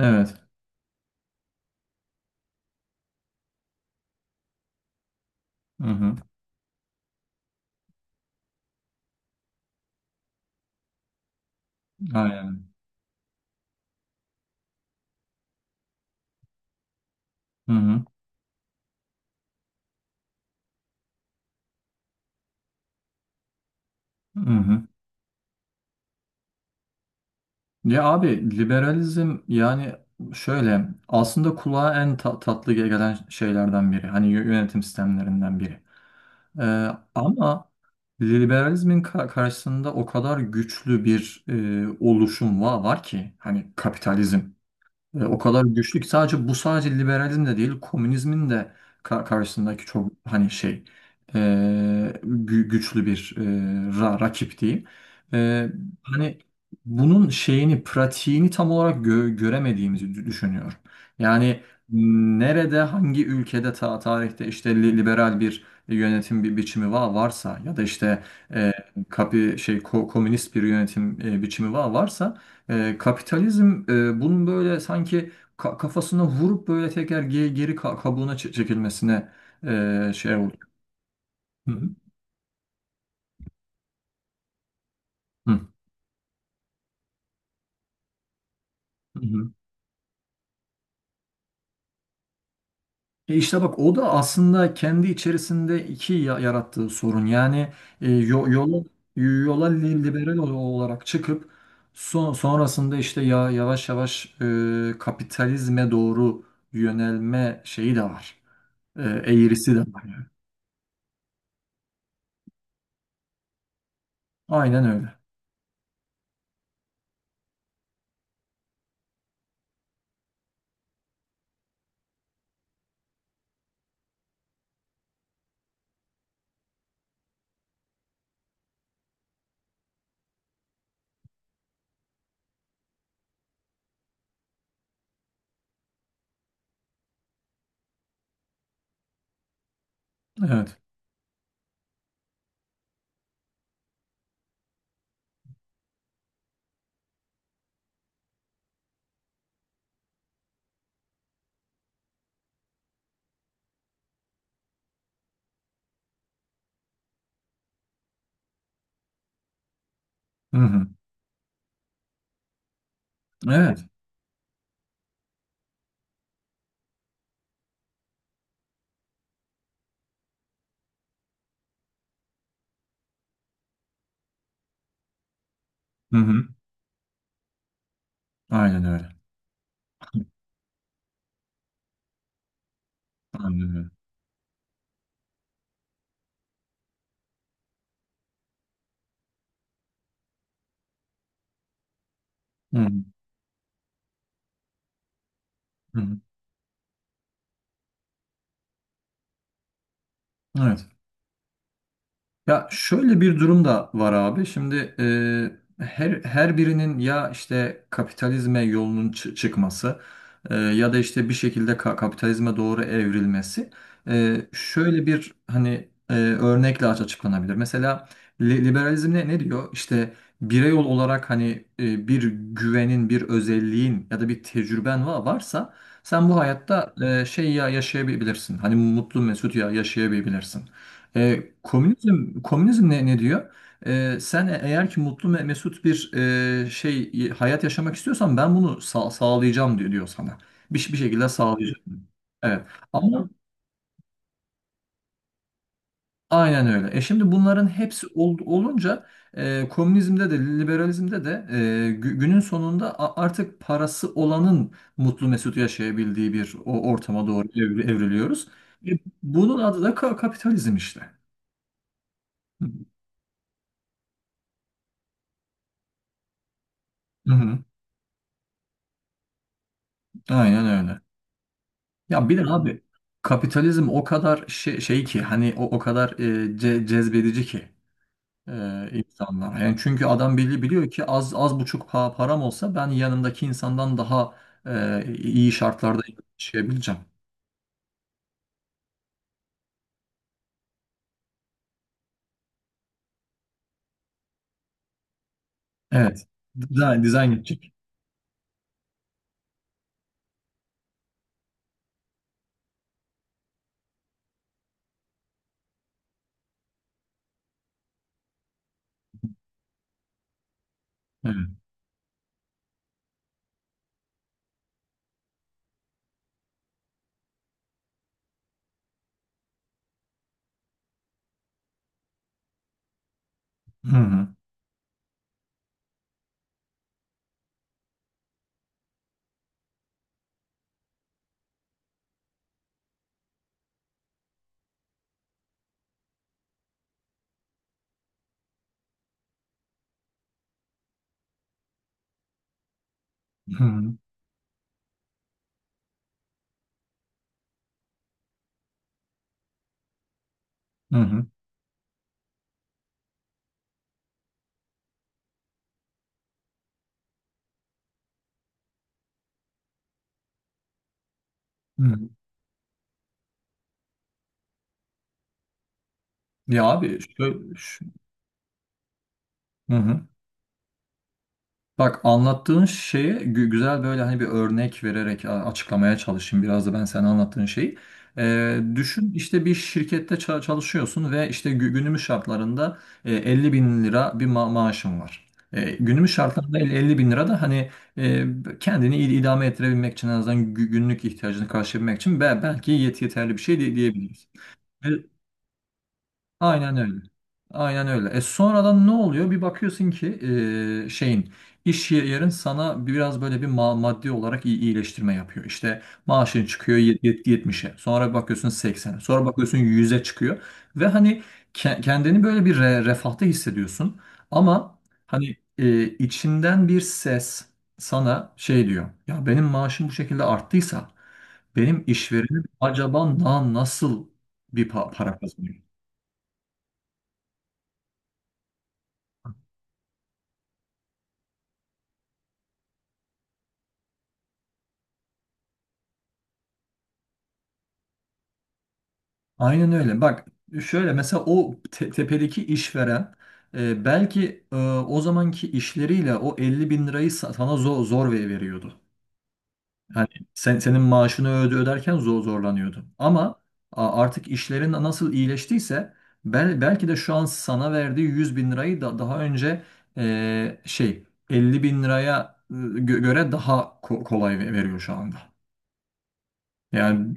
Evet. Hı hı. Aynen. Hı hı. Hı hı. Ya abi, liberalizm yani şöyle aslında kulağa en tatlı gelen şeylerden biri. Hani yönetim sistemlerinden biri. Ee, Ama liberalizmin karşısında o kadar güçlü bir oluşum var ki hani kapitalizm. O kadar güçlü ki sadece bu sadece liberalizm de değil, komünizmin de karşısındaki çok hani şey, e, güçlü bir rakip diyeyim. E, Hani bunun şeyini, pratiğini tam olarak göremediğimizi düşünüyorum. Yani nerede, hangi ülkede tarihte işte liberal bir yönetim biçimi varsa, ya da işte e, kapi şey komünist bir yönetim biçimi varsa, kapitalizm bunun böyle sanki kafasına vurup böyle tekrar geri kabuğuna çekilmesine şey oldu. Hı hı. Hı. Hı hı. İşte bak, o da aslında kendi içerisinde iki yarattığı sorun. Yani e, yo- yola, yola liberal olarak çıkıp sonrasında işte ya yavaş yavaş kapitalizme doğru yönelme şeyi de var. Eğrisi de var, yani. Aynen öyle. Evet. Hı hı. Evet. Hı hı. Aynen öyle. Aynen öyle. Hı hı. Hı hı. Evet. Ya şöyle bir durum da var abi. Şimdi her birinin ya işte kapitalizme yolunun çıkması, ya da işte bir şekilde kapitalizme doğru evrilmesi şöyle bir hani örnekle açıklanabilir. Mesela liberalizm ne diyor? İşte birey olarak hani bir güvenin, bir özelliğin ya da bir tecrüben varsa sen bu hayatta yaşayabilirsin. Hani mutlu mesut yaşayabilirsin. Komünizm ne diyor? Sen eğer ki mutlu ve mesut bir hayat yaşamak istiyorsan, ben bunu sağlayacağım diyor sana. Bir şekilde sağlayacağım. Evet. Ama aynen öyle. Şimdi bunların hepsi olunca komünizmde de, liberalizmde de, günün sonunda artık parası olanın mutlu mesut yaşayabildiği bir o ortama doğru evriliyoruz. E, Bunun adı da kapitalizm işte. Hı hı. Aynen öyle. Ya bir de abi, kapitalizm o kadar şey ki, hani o kadar cezbedici ki e, insanlar. Yani çünkü adam biliyor ki az buçuk param olsa, ben yanımdaki insandan daha iyi şartlarda yaşayabileceğim. Evet. Dizayn gidecek. Evet. Hı hı. Hı hı. Hı hı. Hı hı. Ya abi şöyle, hı hı. Bak, anlattığın şeye güzel böyle hani bir örnek vererek açıklamaya çalışayım biraz da ben sana, anlattığın şeyi. Düşün, işte bir şirkette çalışıyorsun ve işte günümüz şartlarında 50 bin lira bir maaşın var. Günümüz şartlarında 50 bin lira da hani e, kendini idame ettirebilmek için, en azından günlük ihtiyacını karşılayabilmek için, belki yeterli bir şey diyebiliriz. Aynen öyle. Aynen öyle. Sonradan ne oluyor? Bir bakıyorsun ki e, şeyin iş yerin sana biraz böyle bir maddi olarak iyileştirme yapıyor. İşte maaşın çıkıyor 70'e. Sonra bir bakıyorsun 80'e. Sonra bakıyorsun 100'e çıkıyor. Ve hani kendini böyle bir refahta hissediyorsun. Ama hani içinden bir ses sana şey diyor: ya benim maaşım bu şekilde arttıysa, benim işverenim acaba nasıl bir para kazanıyor? Aynen öyle. Bak şöyle, mesela o tepedeki işveren belki o zamanki işleriyle o 50.000 lirayı sana zor veriyordu. Yani senin maaşını öderken zorlanıyordu. Ama artık işlerin nasıl iyileştiyse, belki de şu an sana verdiği 100.000 lirayı da daha önce e, şey 50.000 liraya göre daha kolay veriyor şu anda. Yani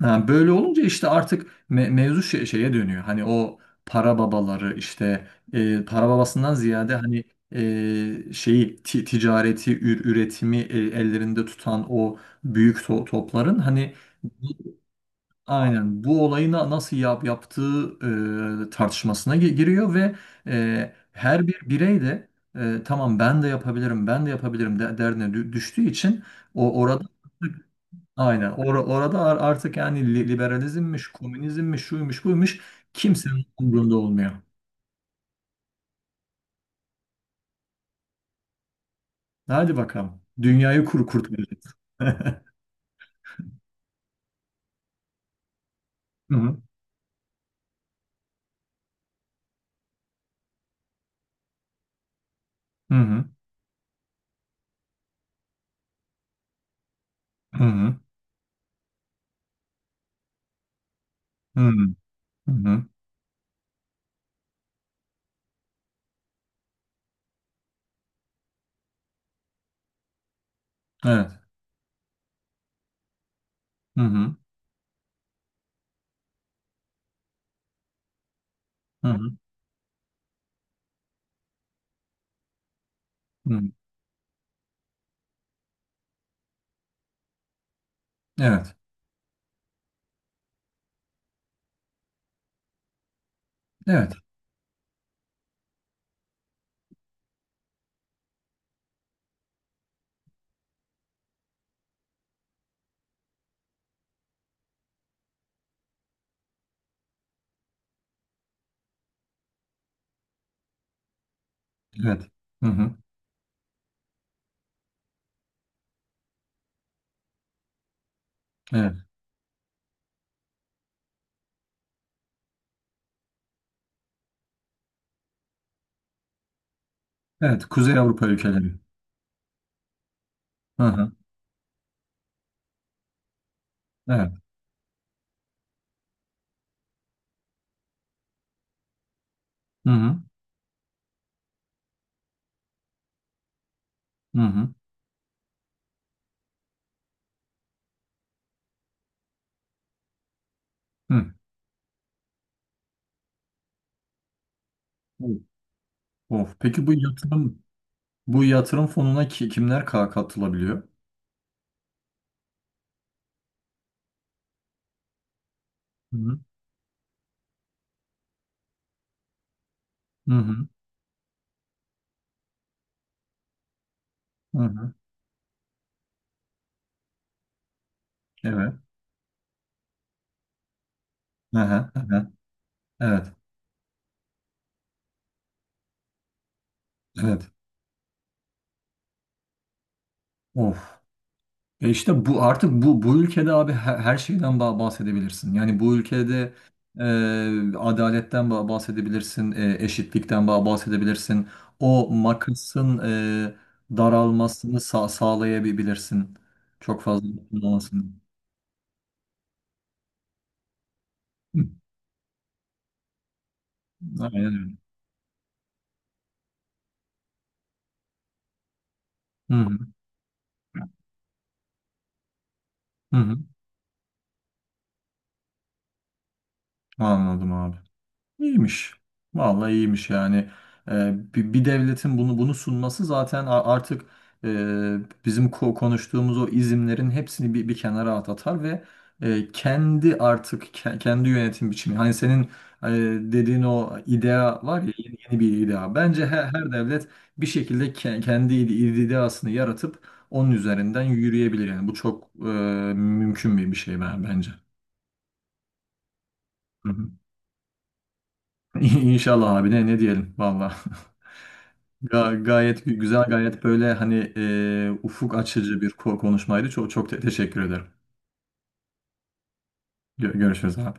ha, böyle olunca işte artık mevzu şeye dönüyor. Hani o para babaları işte para babasından ziyade hani ticareti, üretimi ellerinde tutan o büyük topların hani bu- aynen bu olayı nasıl yaptığı tartışmasına giriyor ve her bir birey de tamam, ben de yapabilirim, ben de yapabilirim, de derdine düştüğü için o orada. Aynen. Orada artık yani li- liberalizmmiş, komünizmmiş, şuymuş, buymuş, kimsenin umurunda olmuyor. Hadi bakalım, dünyayı kurtaracağız. Hı hı. Hı hı. Hı hı. Hı hı. Hı hı. Evet. Hı hı. Hı hı. Hı hı. Evet. Evet. Evet. Hı hı. Evet. Evet. Kuzey Avrupa ülkeleri. Hı hı. Evet. Hı hı. Hı hı. Hı. Of. Peki bu yatırım fonuna kimler katılabiliyor? Hı hı. Hı hı. Hı hı. Evet. Hı hı. Hı hı. Evet, evet. Of. İşte bu artık, bu ülkede abi, her şeyden bahsedebilirsin. Yani bu ülkede adaletten bahsedebilirsin, eşitlikten bahsedebilirsin. O makasın daralmasını sağlayabilirsin. Çok fazla kullanılmasın. Hı, aynen öyle. Hı hı, hı hı. Anladım abi. İyiymiş. Vallahi iyiymiş, yani. Bir devletin bunu sunması zaten artık e, bizim konuştuğumuz o izimlerin hepsini bir kenara atar ve kendi artık kendi yönetim biçimi. Hani senin e, dediğin o idea var ya, yeni bir idea. Bence her devlet bir şekilde kendi ideasını yaratıp onun üzerinden yürüyebilir. Yani bu çok mümkün bir şey ben, bence. İnşallah abi, ne diyelim valla. Gayet güzel, gayet böyle hani ufuk açıcı bir konuşmaydı. Çok çok teşekkür ederim. Görüşürüz abi.